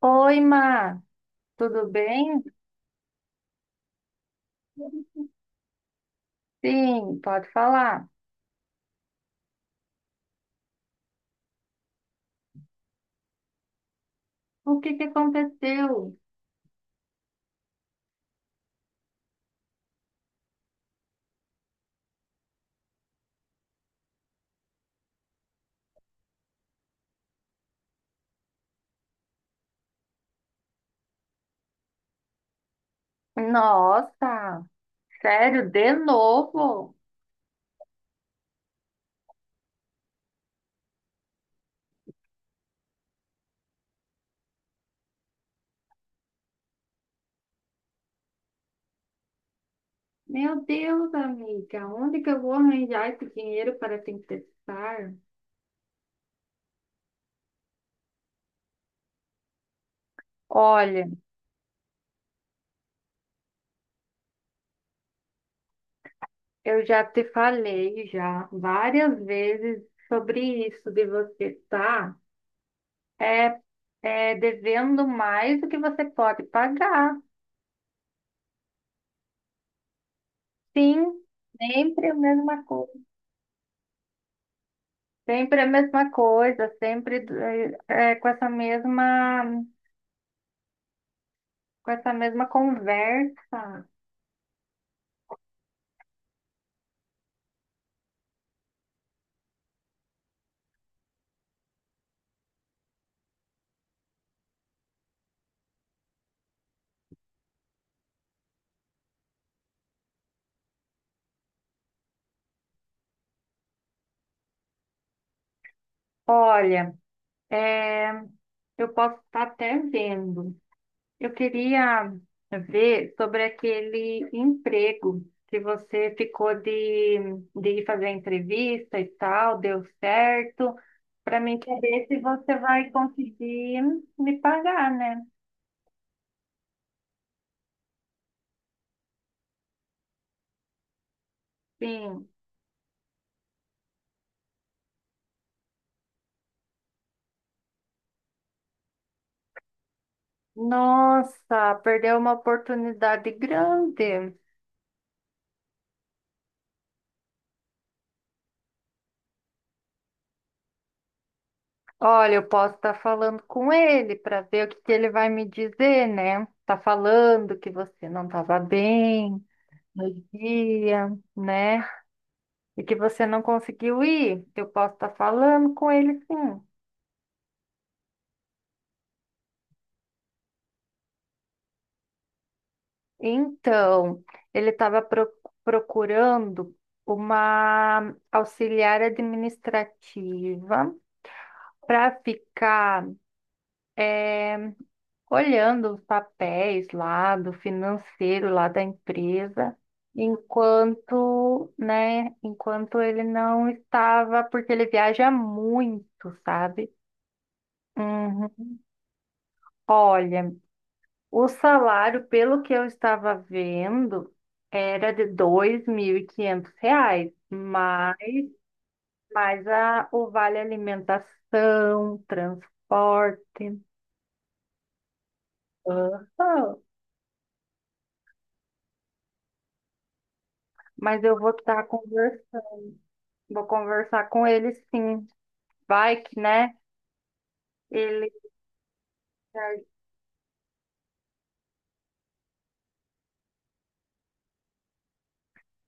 Oi, Má, tudo bem? Sim, pode falar. O que que aconteceu? Nossa, sério, de novo? Meu Deus, amiga, onde que eu vou arranjar esse dinheiro para te emprestar? Olha, eu já te falei já várias vezes sobre isso de você estar é, devendo mais do que você pode pagar. Sim, sempre a mesma coisa. Sempre a mesma coisa, sempre eh, eh, com essa mesma, com essa mesma conversa. Olha, eh, eu posso estar até vendo. Eu queria ver sobre aquele emprego que você ficou de ir fazer a entrevista e tal, deu certo, para mim saber se você vai conseguir me pagar, né? Sim. Nossa, perdeu uma oportunidade grande. Olha, eu posso estar falando com ele para ver o que que ele vai me dizer, né? Tá falando que você não estava bem no dia, né? E que você não conseguiu ir. Eu posso estar falando com ele, sim. Então, ele estava procurando uma auxiliar administrativa para ficar olhando os papéis lá do financeiro lá da empresa, enquanto, né, enquanto ele não estava, porque ele viaja muito, sabe? Uhum. Olha, o salário, pelo que eu estava vendo, era de R$ 2.500, mas mais o vale alimentação, transporte. Aham. Mas eu vou estar. Vou conversar com ele sim. Vai que, né? Ele.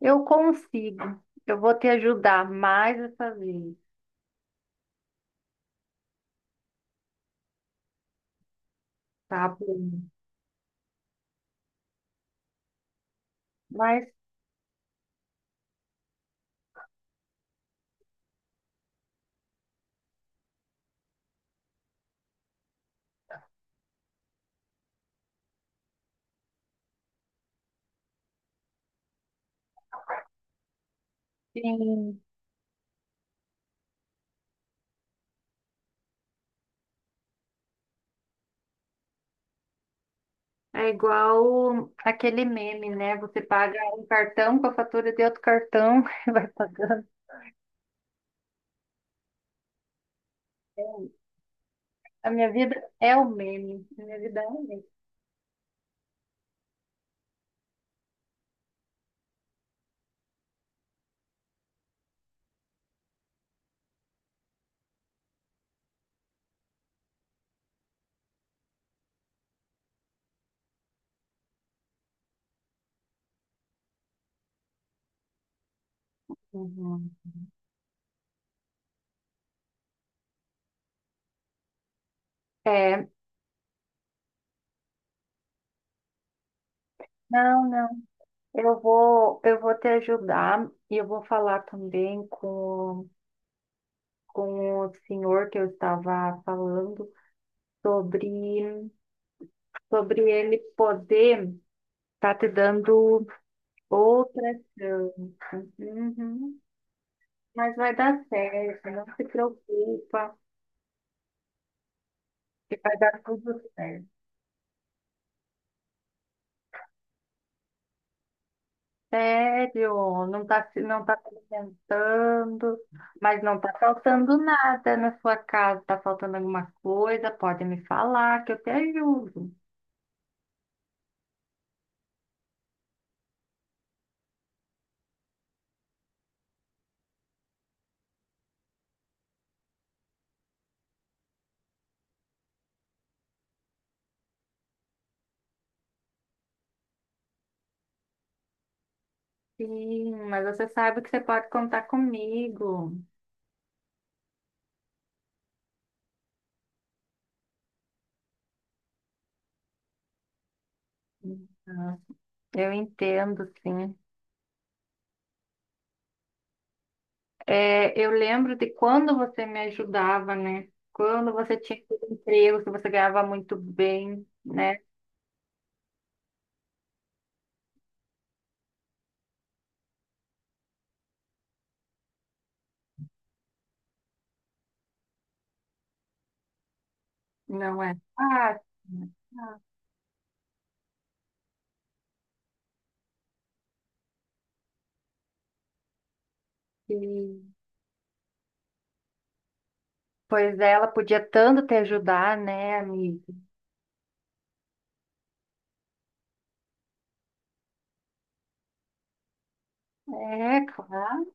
Eu consigo. Eu vou te ajudar mais essa vez, tá bom? Mas sim. É igual aquele meme, né? Você paga um cartão com a fatura de outro cartão e vai pagando. A minha vida é o meme. A minha vida é um meme. Uhum. É, não. Eu vou te ajudar e eu vou falar também com o senhor que eu estava falando sobre, sobre ele poder estar te dando outra chance. Uhum. Mas vai dar certo, não se preocupa, que vai dar tudo certo. Sério, não tá se alimentando, mas não tá faltando nada na sua casa, tá faltando alguma coisa, pode me falar que eu te ajudo. Sim, mas você sabe que você pode contar comigo. Então, eu entendo, sim. É, eu lembro de quando você me ajudava, né? Quando você tinha aquele emprego, que você ganhava muito bem, né? Não é fácil, não é fácil. E pois é, ela podia tanto te ajudar, né, amiga? É, claro.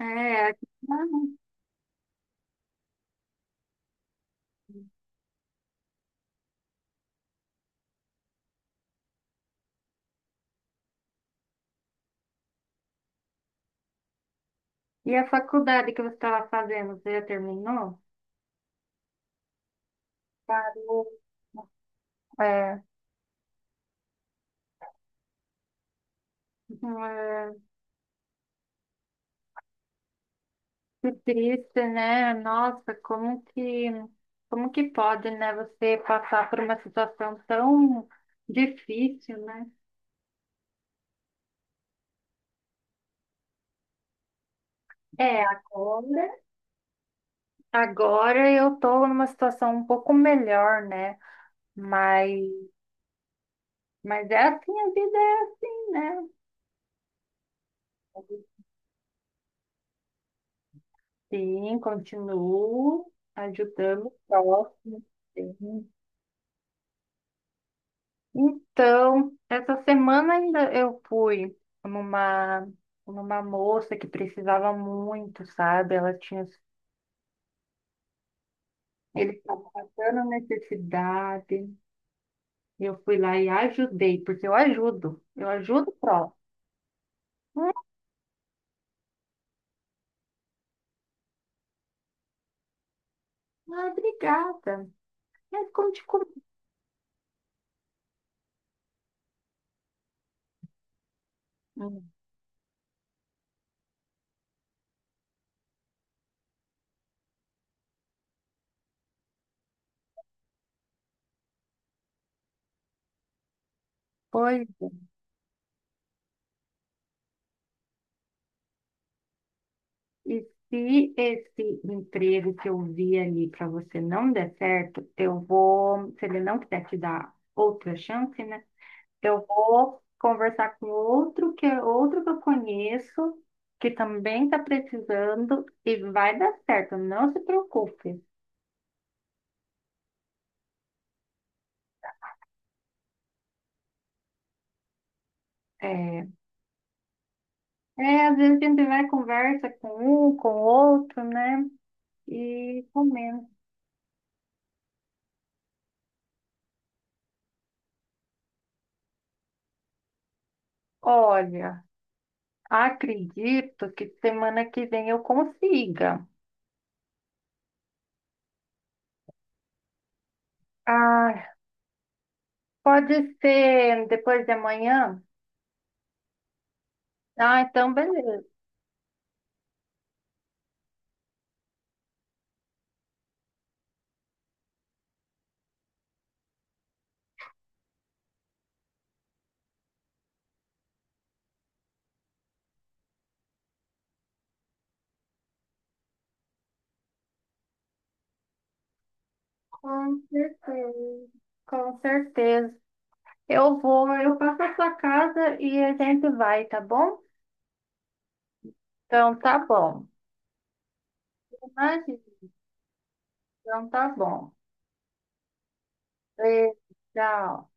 É, claro. E a faculdade que você estava fazendo, você já terminou? Parou. É, é. Que triste, né? Nossa, como que pode, né, você passar por uma situação tão difícil, né? É, agora eu tô numa situação um pouco melhor, né? Mas, mas é assim, a vida é assim, né? Sim, continuo ajudando o próximo, sim. Então, essa semana ainda eu fui numa, numa moça que precisava muito, sabe? Ela tinha, ele estava passando necessidade. E eu fui lá e ajudei, porque eu ajudo o próximo. Ah, obrigada. Mas conte comigo. Hum, Pois é. E se esse emprego que eu vi ali para você não der certo, eu vou, se ele não quiser te dar outra chance, né? Eu vou conversar com outro que é outro que eu conheço, que também está precisando e vai dar certo, não se preocupe. É, às vezes a gente vai e conversa com um, com outro, né? E comenta. Olha, acredito que semana que vem eu consiga. Ah, pode ser depois de amanhã? Ah, então beleza. Com certeza. Com certeza. Eu passo a sua casa e a gente vai, tá bom? Então tá bom. Imagina, então tá bom. Beijo, tchau.